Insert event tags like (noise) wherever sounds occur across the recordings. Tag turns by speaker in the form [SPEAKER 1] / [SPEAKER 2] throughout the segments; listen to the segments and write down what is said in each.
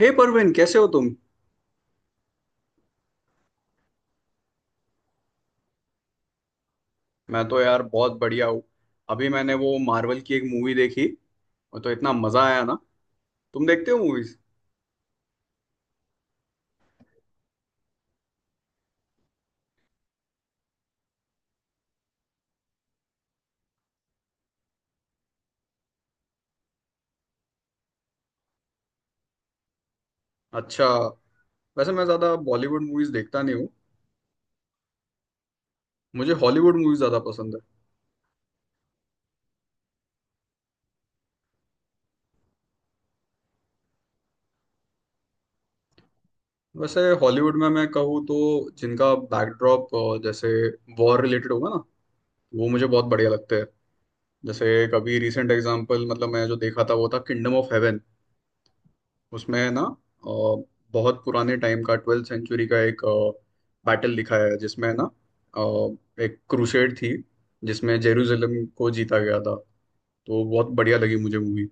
[SPEAKER 1] हे परवीन, कैसे हो तुम? मैं तो यार बहुत बढ़िया हूँ। अभी मैंने वो मार्वल की एक मूवी देखी। वो तो इतना मजा आया ना। तुम देखते हो मूवीज? अच्छा। वैसे मैं ज्यादा बॉलीवुड मूवीज देखता नहीं हूँ। मुझे हॉलीवुड मूवीज ज्यादा पसंद है। वैसे हॉलीवुड में मैं कहूँ तो जिनका बैकड्रॉप, जैसे, वॉर रिलेटेड होगा ना, वो मुझे बहुत बढ़िया लगते हैं। जैसे एक अभी रिसेंट एग्जाम्पल, मतलब मैं जो देखा था वो था किंगडम ऑफ हेवन। उसमें है ना, बहुत पुराने टाइम का ट्वेल्थ सेंचुरी का एक बैटल दिखाया है, जिसमें है ना, एक क्रूसेड थी जिसमें जेरूसलम को जीता गया था। तो बहुत बढ़िया लगी मुझे मूवी।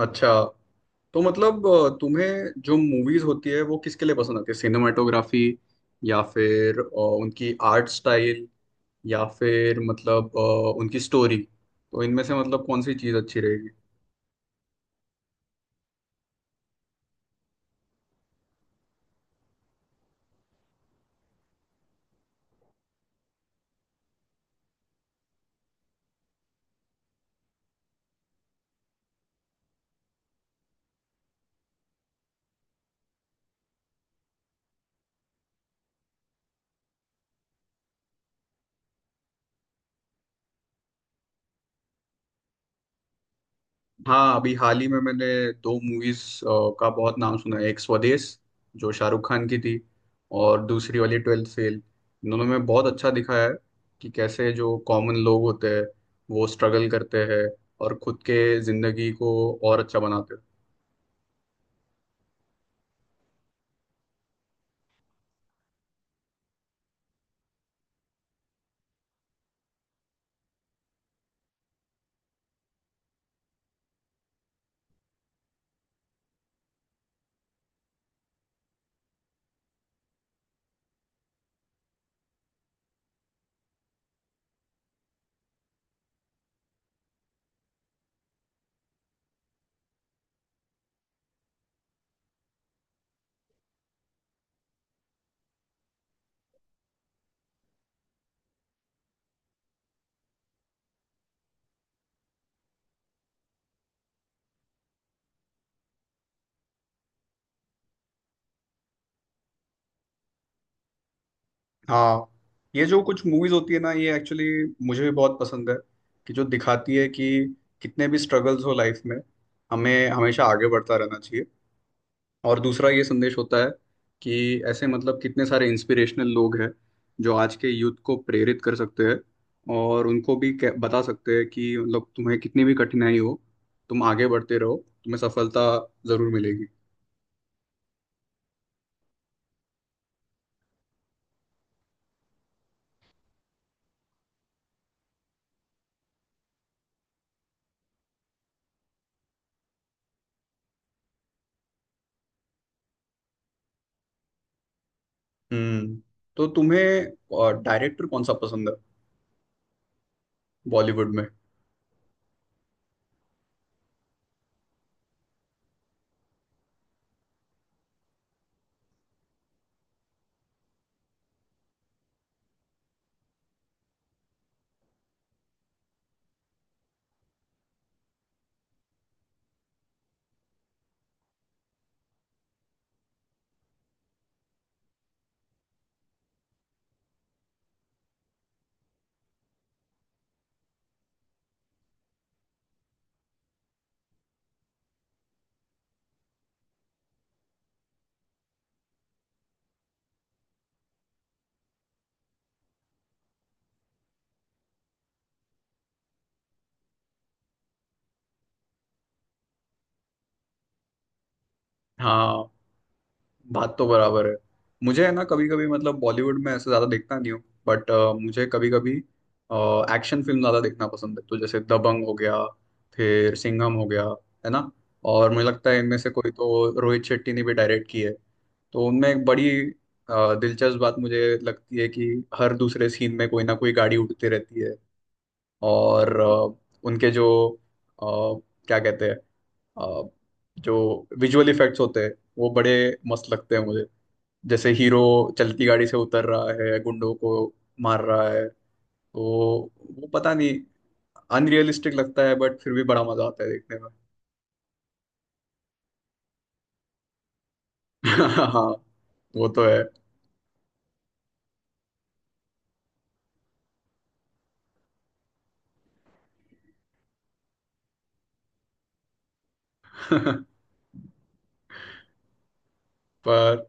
[SPEAKER 1] अच्छा। तो मतलब तुम्हें जो मूवीज होती है वो किसके लिए पसंद आती है? सिनेमाटोग्राफी, या फिर उनकी आर्ट स्टाइल, या फिर मतलब उनकी स्टोरी? तो इनमें से मतलब कौन सी चीज़ अच्छी रहेगी? हाँ, अभी हाल ही में मैंने दो मूवीज का बहुत नाम सुना है। एक स्वदेश, जो शाहरुख खान की थी, और दूसरी वाली ट्वेल्थ फेल। इन्होंने में बहुत अच्छा दिखाया है कि कैसे जो कॉमन लोग होते हैं वो स्ट्रगल करते हैं और खुद के जिंदगी को और अच्छा बनाते हैं। हाँ, ये जो कुछ मूवीज होती है ना, ये एक्चुअली मुझे भी बहुत पसंद है कि जो दिखाती है कि कितने भी स्ट्रगल्स हो लाइफ में, हमें हमेशा आगे बढ़ता रहना चाहिए। और दूसरा ये संदेश होता है कि ऐसे मतलब कितने सारे इंस्पिरेशनल लोग हैं जो आज के यूथ को प्रेरित कर सकते हैं, और उनको भी बता सकते हैं कि मतलब तुम्हें कितनी भी कठिनाई हो, तुम आगे बढ़ते रहो, तुम्हें सफलता जरूर मिलेगी। हम्म। तो तुम्हें डायरेक्टर कौन सा पसंद है बॉलीवुड में? हाँ, बात तो बराबर है। मुझे है ना, कभी कभी, मतलब, बॉलीवुड में ऐसे ज्यादा देखता नहीं हूँ, बट मुझे कभी कभी एक्शन फिल्म ज्यादा देखना पसंद है, तो जैसे दबंग हो गया, फिर सिंघम हो गया, है ना। और मुझे लगता है इनमें से कोई तो रोहित शेट्टी ने भी डायरेक्ट की है। तो उनमें एक बड़ी दिलचस्प बात मुझे लगती है कि हर दूसरे सीन में कोई ना कोई गाड़ी उड़ती रहती है, और उनके जो, अ, क्या कहते हैं, अ, जो विजुअल इफेक्ट्स होते हैं वो बड़े मस्त लगते हैं मुझे। जैसे हीरो चलती गाड़ी से उतर रहा है, गुंडों को मार रहा है, तो वो पता नहीं अनरियलिस्टिक लगता है, बट फिर भी बड़ा मजा आता है देखने में। (laughs) हाँ, वो तो है। (laughs) पर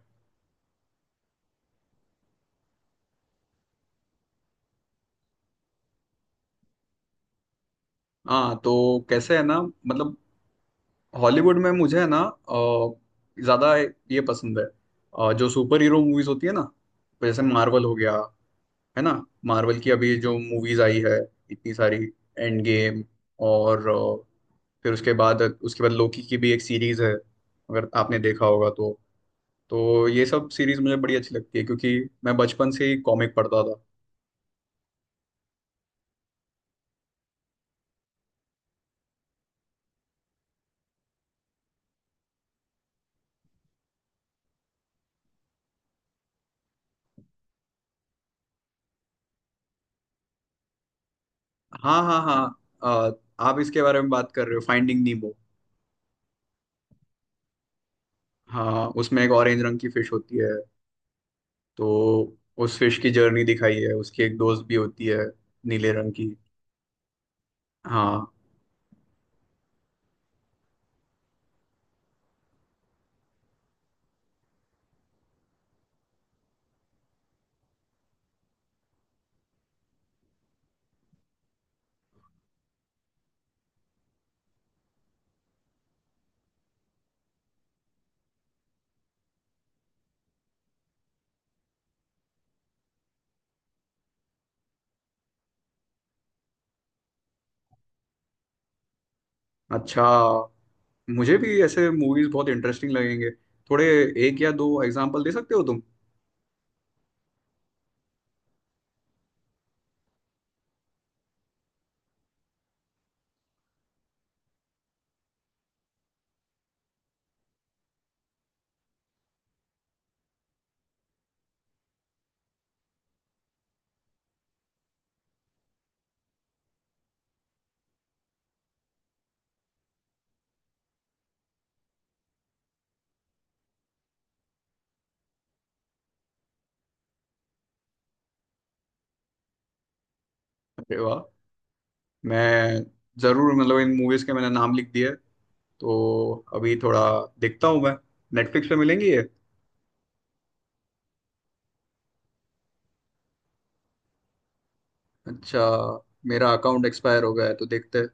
[SPEAKER 1] हाँ, तो कैसे है ना, मतलब, हॉलीवुड में मुझे है ना अ, ज्यादा ये पसंद है। जो सुपर हीरो मूवीज होती है ना, जैसे मार्वल हो गया, है ना। मार्वल की अभी जो मूवीज आई है, इतनी सारी, एंड गेम, और फिर उसके बाद लोकी की भी एक सीरीज है, अगर आपने देखा होगा तो। तो ये सब सीरीज मुझे बड़ी अच्छी लगती है, क्योंकि मैं बचपन से ही कॉमिक पढ़ता था। हाँ हाँ हाँ, आप इसके बारे में बात कर रहे हो, फाइंडिंग नीमो। हाँ, उसमें एक ऑरेंज रंग की फिश होती है। तो उस फिश की जर्नी दिखाई है, उसकी एक दोस्त भी होती है, नीले रंग की। हाँ। अच्छा, मुझे भी ऐसे मूवीज बहुत इंटरेस्टिंग लगेंगे। थोड़े एक या दो एग्जांपल दे सकते हो तुम? अरे वाह, मैं जरूर, मतलब, इन मूवीज के मैंने नाम लिख दिए, तो अभी थोड़ा देखता हूँ मैं। नेटफ्लिक्स पे मिलेंगी ये? अच्छा। मेरा अकाउंट एक्सपायर हो गया है, तो देखते हैं।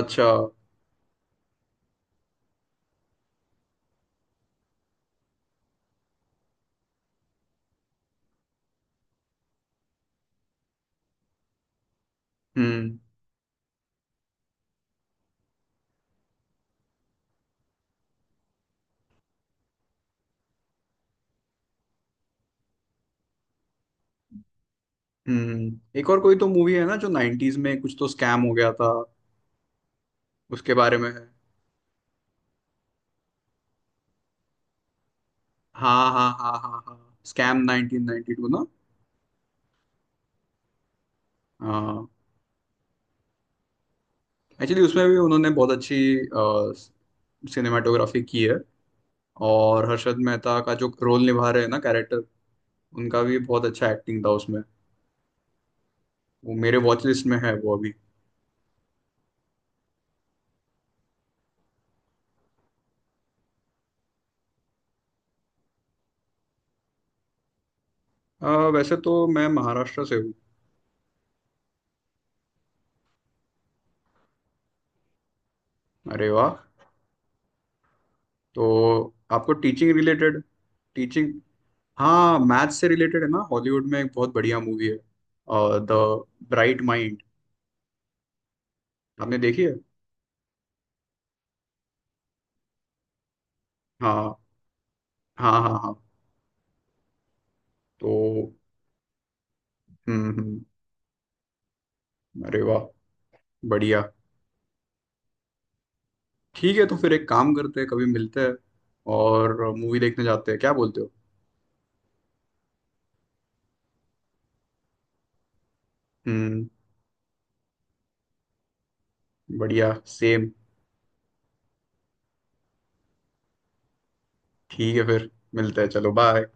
[SPEAKER 1] अच्छा। हम्म हम्म, एक और कोई तो मूवी है ना जो 90s में कुछ तो स्कैम हो गया था, उसके बारे में है? हाँ हाँ हाँ हाँ हाँ, स्कैम 1992 ना। हाँ, एक्चुअली उसमें भी उन्होंने बहुत अच्छी सिनेमाटोग्राफी की है। और हर्षद मेहता का जो रोल निभा रहे हैं ना, कैरेक्टर, उनका भी बहुत अच्छा एक्टिंग था उसमें। वो मेरे वॉच लिस्ट में है वो अभी। अ, वैसे तो मैं महाराष्ट्र से हूँ। अरे वाह। तो आपको टीचिंग रिलेटेड, टीचिंग, हाँ मैथ्स से रिलेटेड है ना, हॉलीवुड में एक बहुत बढ़िया मूवी है, द ब्राइट माइंड। आपने देखी है? हाँ हाँ हाँ हाँ। तो हम्म हम्म, अरे वाह, बढ़िया। ठीक है, तो फिर एक काम करते हैं, कभी मिलते हैं और मूवी देखने जाते हैं, क्या बोलते हो? हम्म। बढ़िया, सेम। ठीक है, फिर मिलते हैं, चलो बाय।